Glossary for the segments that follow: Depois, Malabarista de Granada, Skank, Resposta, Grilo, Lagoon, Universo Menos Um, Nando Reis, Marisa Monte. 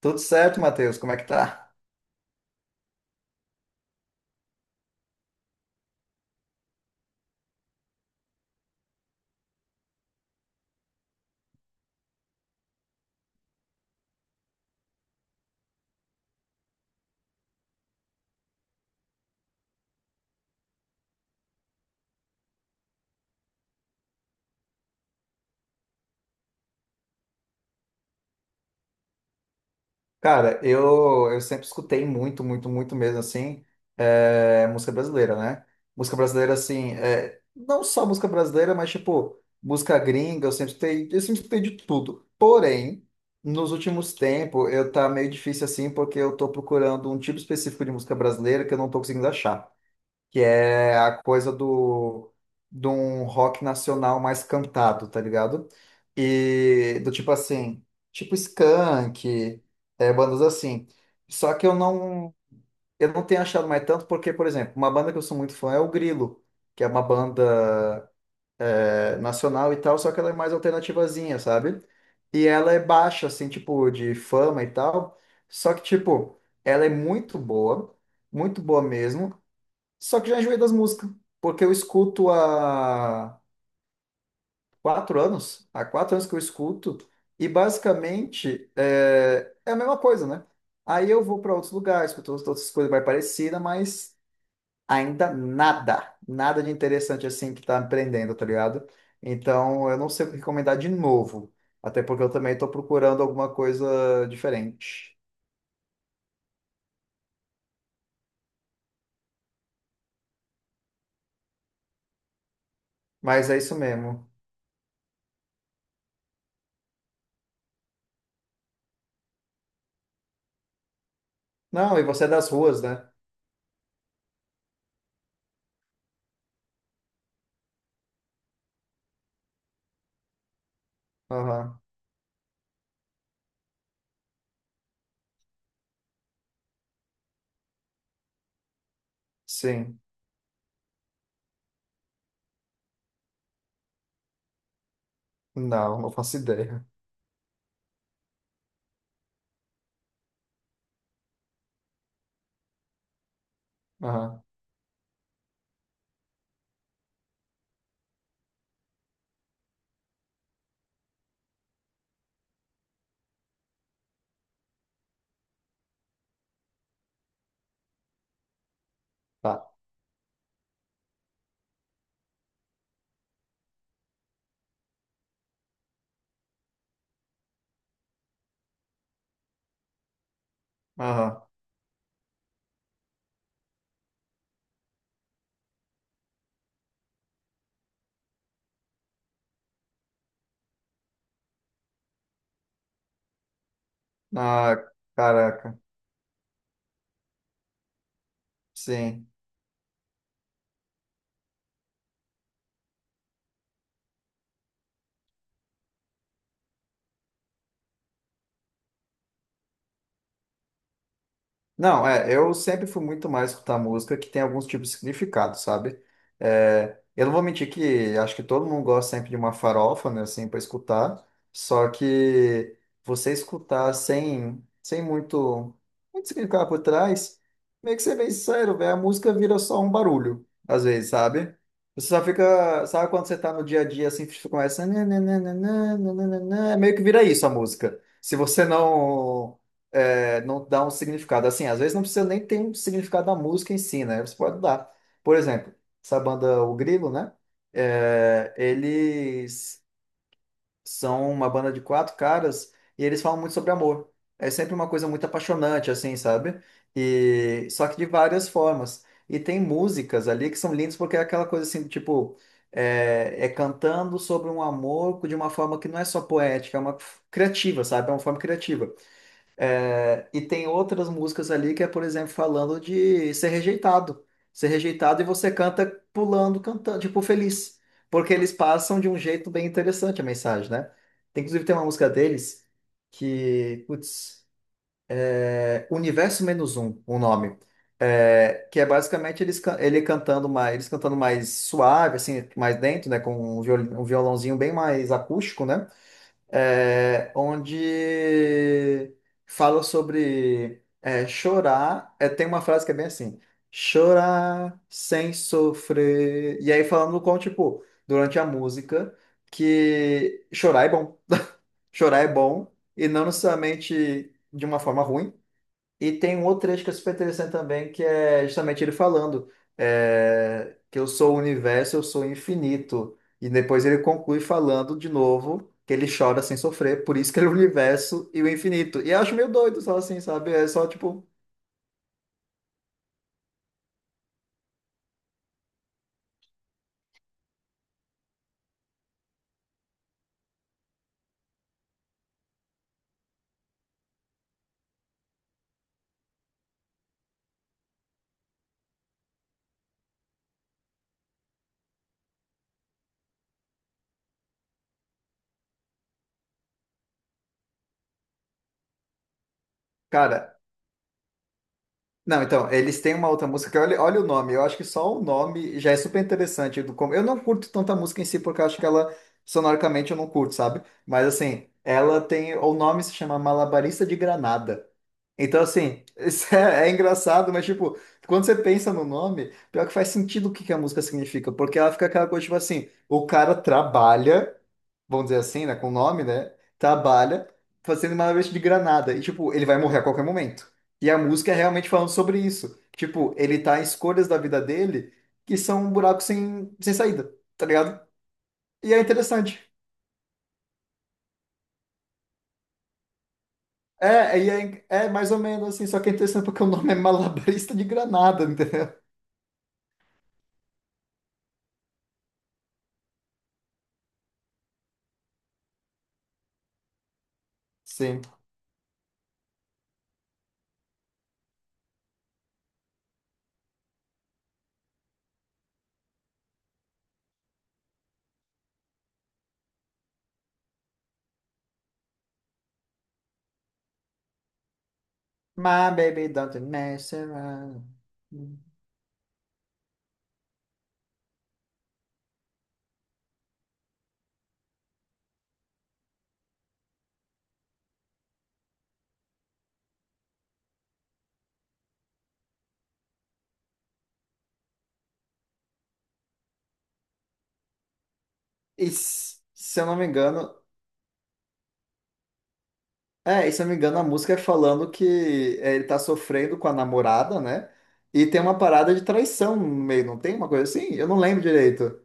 Tudo certo, Matheus? Como é que tá? Cara, eu sempre escutei muito, muito, muito mesmo, assim, música brasileira, né? Música brasileira, assim, é, não só música brasileira, mas, tipo, música gringa, eu sempre escutei de tudo. Porém, nos últimos tempos, eu tá meio difícil, assim, porque eu tô procurando um tipo específico de música brasileira que eu não tô conseguindo achar. Que é a coisa do de um rock nacional mais cantado, tá ligado? E do tipo assim, tipo Skank, é, bandas assim. Só que eu não tenho achado mais tanto porque, por exemplo, uma banda que eu sou muito fã é o Grilo, que é uma banda é, nacional e tal, só que ela é mais alternativazinha, sabe? E ela é baixa assim, tipo de fama e tal, só que tipo, ela é muito boa mesmo. Só que já enjoei das músicas, porque eu escuto há quatro anos que eu escuto, e basicamente é a mesma coisa, né? Aí eu vou para outros lugares, escuto outras coisas mais parecidas, mas ainda nada, nada de interessante assim que tá me prendendo, tá ligado? Então eu não sei o que recomendar de novo, até porque eu também tô procurando alguma coisa diferente. Mas é isso mesmo. Não, e você é das ruas, né? Aham, sim. Não, não faço ideia. Aham, tá. Aham. Ah, caraca. Sim. Não, é, eu sempre fui muito mais escutar música que tem alguns tipos de significado, sabe? É, eu não vou mentir que acho que todo mundo gosta sempre de uma farofa, né, assim, para escutar, só que você escutar sem, sem muito, muito significado por trás, meio que ser bem sincero, velho, a música vira só um barulho, às vezes, sabe? Você só fica, sabe quando você tá no dia a dia, assim, você começa, nananana, nananana, meio que vira isso a música. Se você não é, não dá um significado. Assim, às vezes não precisa nem ter um significado da música em si, né? Você pode dar. Por exemplo, essa banda O Grilo, né? É, eles são uma banda de quatro caras e eles falam muito sobre amor. É sempre uma coisa muito apaixonante, assim, sabe? E só que de várias formas. E tem músicas ali que são lindas porque é aquela coisa assim, tipo, é cantando sobre um amor de uma forma que não é só poética, é uma criativa, sabe? É uma forma criativa. E tem outras músicas ali que é, por exemplo, falando de ser rejeitado. Ser rejeitado e você canta pulando, cantando, tipo, feliz. Porque eles passam de um jeito bem interessante a mensagem, né? Tem, inclusive, tem uma música deles que, putz, é Universo Menos Um, o nome. É, que é basicamente eles, ele cantando mais, eles cantando mais suave, assim, mais dentro, né? Com um um violãozinho bem mais acústico, né? É, onde fala sobre é, chorar. É, tem uma frase que é bem assim: chorar sem sofrer. E aí falando com, tipo, durante a música, que chorar é bom. Chorar é bom, e não necessariamente de uma forma ruim. E tem um outro trecho que é super interessante também, que é justamente ele falando é, que eu sou o universo, eu sou o infinito. E depois ele conclui falando de novo que ele chora sem sofrer, por isso que ele é o universo e o infinito. E eu acho meio doido só assim, sabe? É só tipo, cara. Não, então, eles têm uma outra música que olha, olha o nome. Eu acho que só o nome já é super interessante. Eu não curto tanta música em si, porque eu acho que ela, sonoricamente, eu não curto, sabe? Mas assim, ela tem. O nome se chama Malabarista de Granada. Então, assim, isso é, é engraçado, mas, tipo, quando você pensa no nome, pior que faz sentido o que que a música significa, porque ela fica aquela coisa, tipo assim, o cara trabalha, vamos dizer assim, né, com o nome, né, trabalha fazendo uma vez de granada, e, tipo, ele vai morrer a qualquer momento. E a música é realmente falando sobre isso. Tipo, ele tá em escolhas da vida dele que são um buraco sem, sem saída, tá ligado? E é interessante. É mais ou menos assim, só que é interessante porque o nome é Malabarista de Granada, entendeu? Sim. My baby don't mess around. E, se eu não me engano, a música é falando que é, ele tá sofrendo com a namorada, né? E tem uma parada de traição no meio, não tem uma coisa assim? Eu não lembro direito.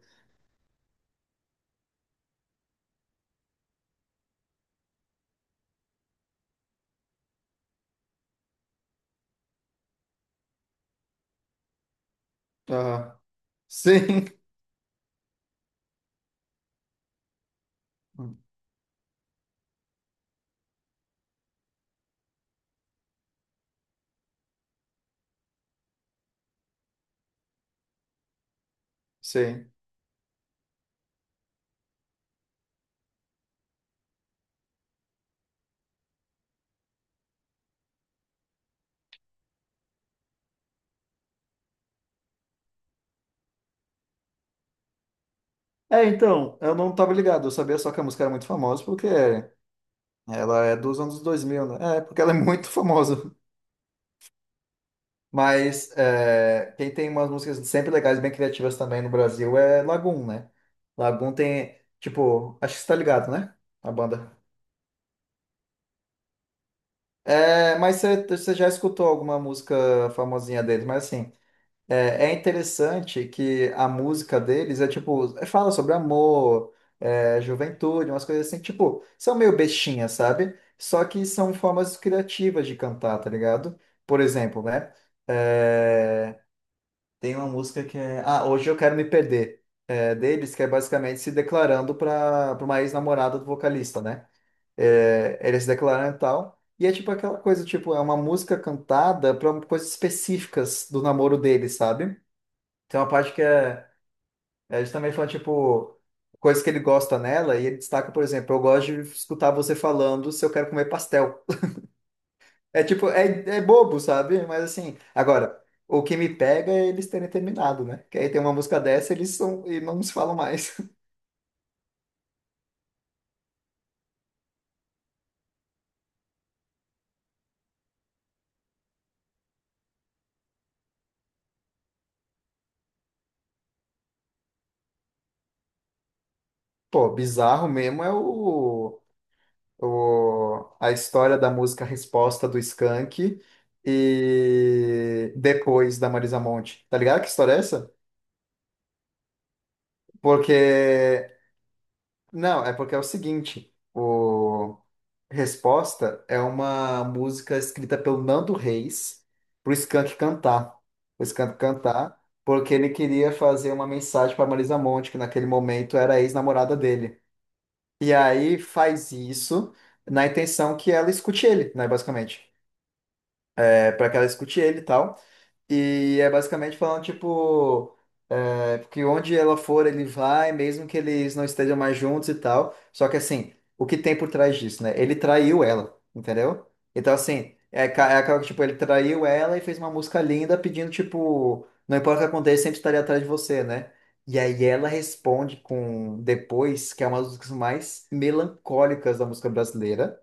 Aham. Sim, sim. É, então, eu não tava ligado, eu sabia só que a música era muito famosa porque ela é dos anos 2000, né? É, porque ela é muito famosa. Mas é, quem tem umas músicas sempre legais, bem criativas também no Brasil é Lagoon, né? Lagoon tem, tipo, acho que você tá ligado, né? A banda. É, mas você já escutou alguma música famosinha deles, mas assim, é interessante que a música deles é tipo, é, fala sobre amor, é, juventude, umas coisas assim, tipo, são meio bestinhas, sabe? Só que são formas criativas de cantar, tá ligado? Por exemplo, né? É, tem uma música que é. Ah, hoje eu quero me perder. É deles, que é basicamente se declarando para uma ex-namorada do vocalista, né? É, eles se declaram e tal. E é tipo aquela coisa, tipo, é uma música cantada para coisas específicas do namoro deles, sabe? Tem uma parte que é, é justamente falando, tipo, coisas que ele gosta nela, e ele destaca, por exemplo, eu gosto de escutar você falando se eu quero comer pastel. É tipo, é, é bobo, sabe? Mas assim, agora, o que me pega é eles terem terminado, né? Que aí tem uma música dessa, eles são e não se falam mais. Pô, bizarro mesmo é o a história da música Resposta do Skank e depois da Marisa Monte. Tá ligado que história é essa? Porque Não, é porque é o seguinte, o Resposta é uma música escrita pelo Nando Reis pro Skank cantar. O Skank cantar, porque ele queria fazer uma mensagem para Marisa Monte, que naquele momento era a ex-namorada dele. E aí faz isso na intenção que ela escute ele, né, basicamente para que ela escute ele e tal. E é basicamente falando, tipo, é, que onde ela for, ele vai, mesmo que eles não estejam mais juntos e tal. Só que, assim, o que tem por trás disso, né? Ele traiu ela, entendeu? Então, assim, é aquela que, tipo, ele traiu ela e fez uma música linda pedindo, tipo, não importa o que aconteça, sempre estarei atrás de você, né? E aí ela responde com Depois, que é uma das músicas mais melancólicas da música brasileira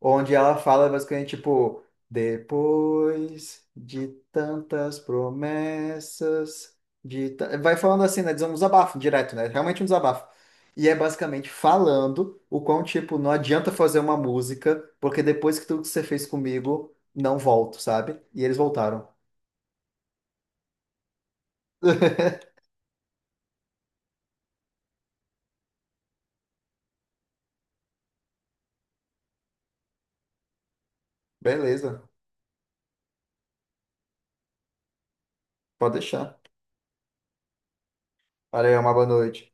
onde ela fala basicamente tipo, depois de tantas promessas, vai falando assim, né? Diz um desabafo direto, né? Realmente um desabafo. E é basicamente falando o quão, tipo, não adianta fazer uma música, porque depois que tudo que você fez comigo, não volto, sabe? E eles voltaram. Beleza, pode deixar. Valeu, uma boa noite.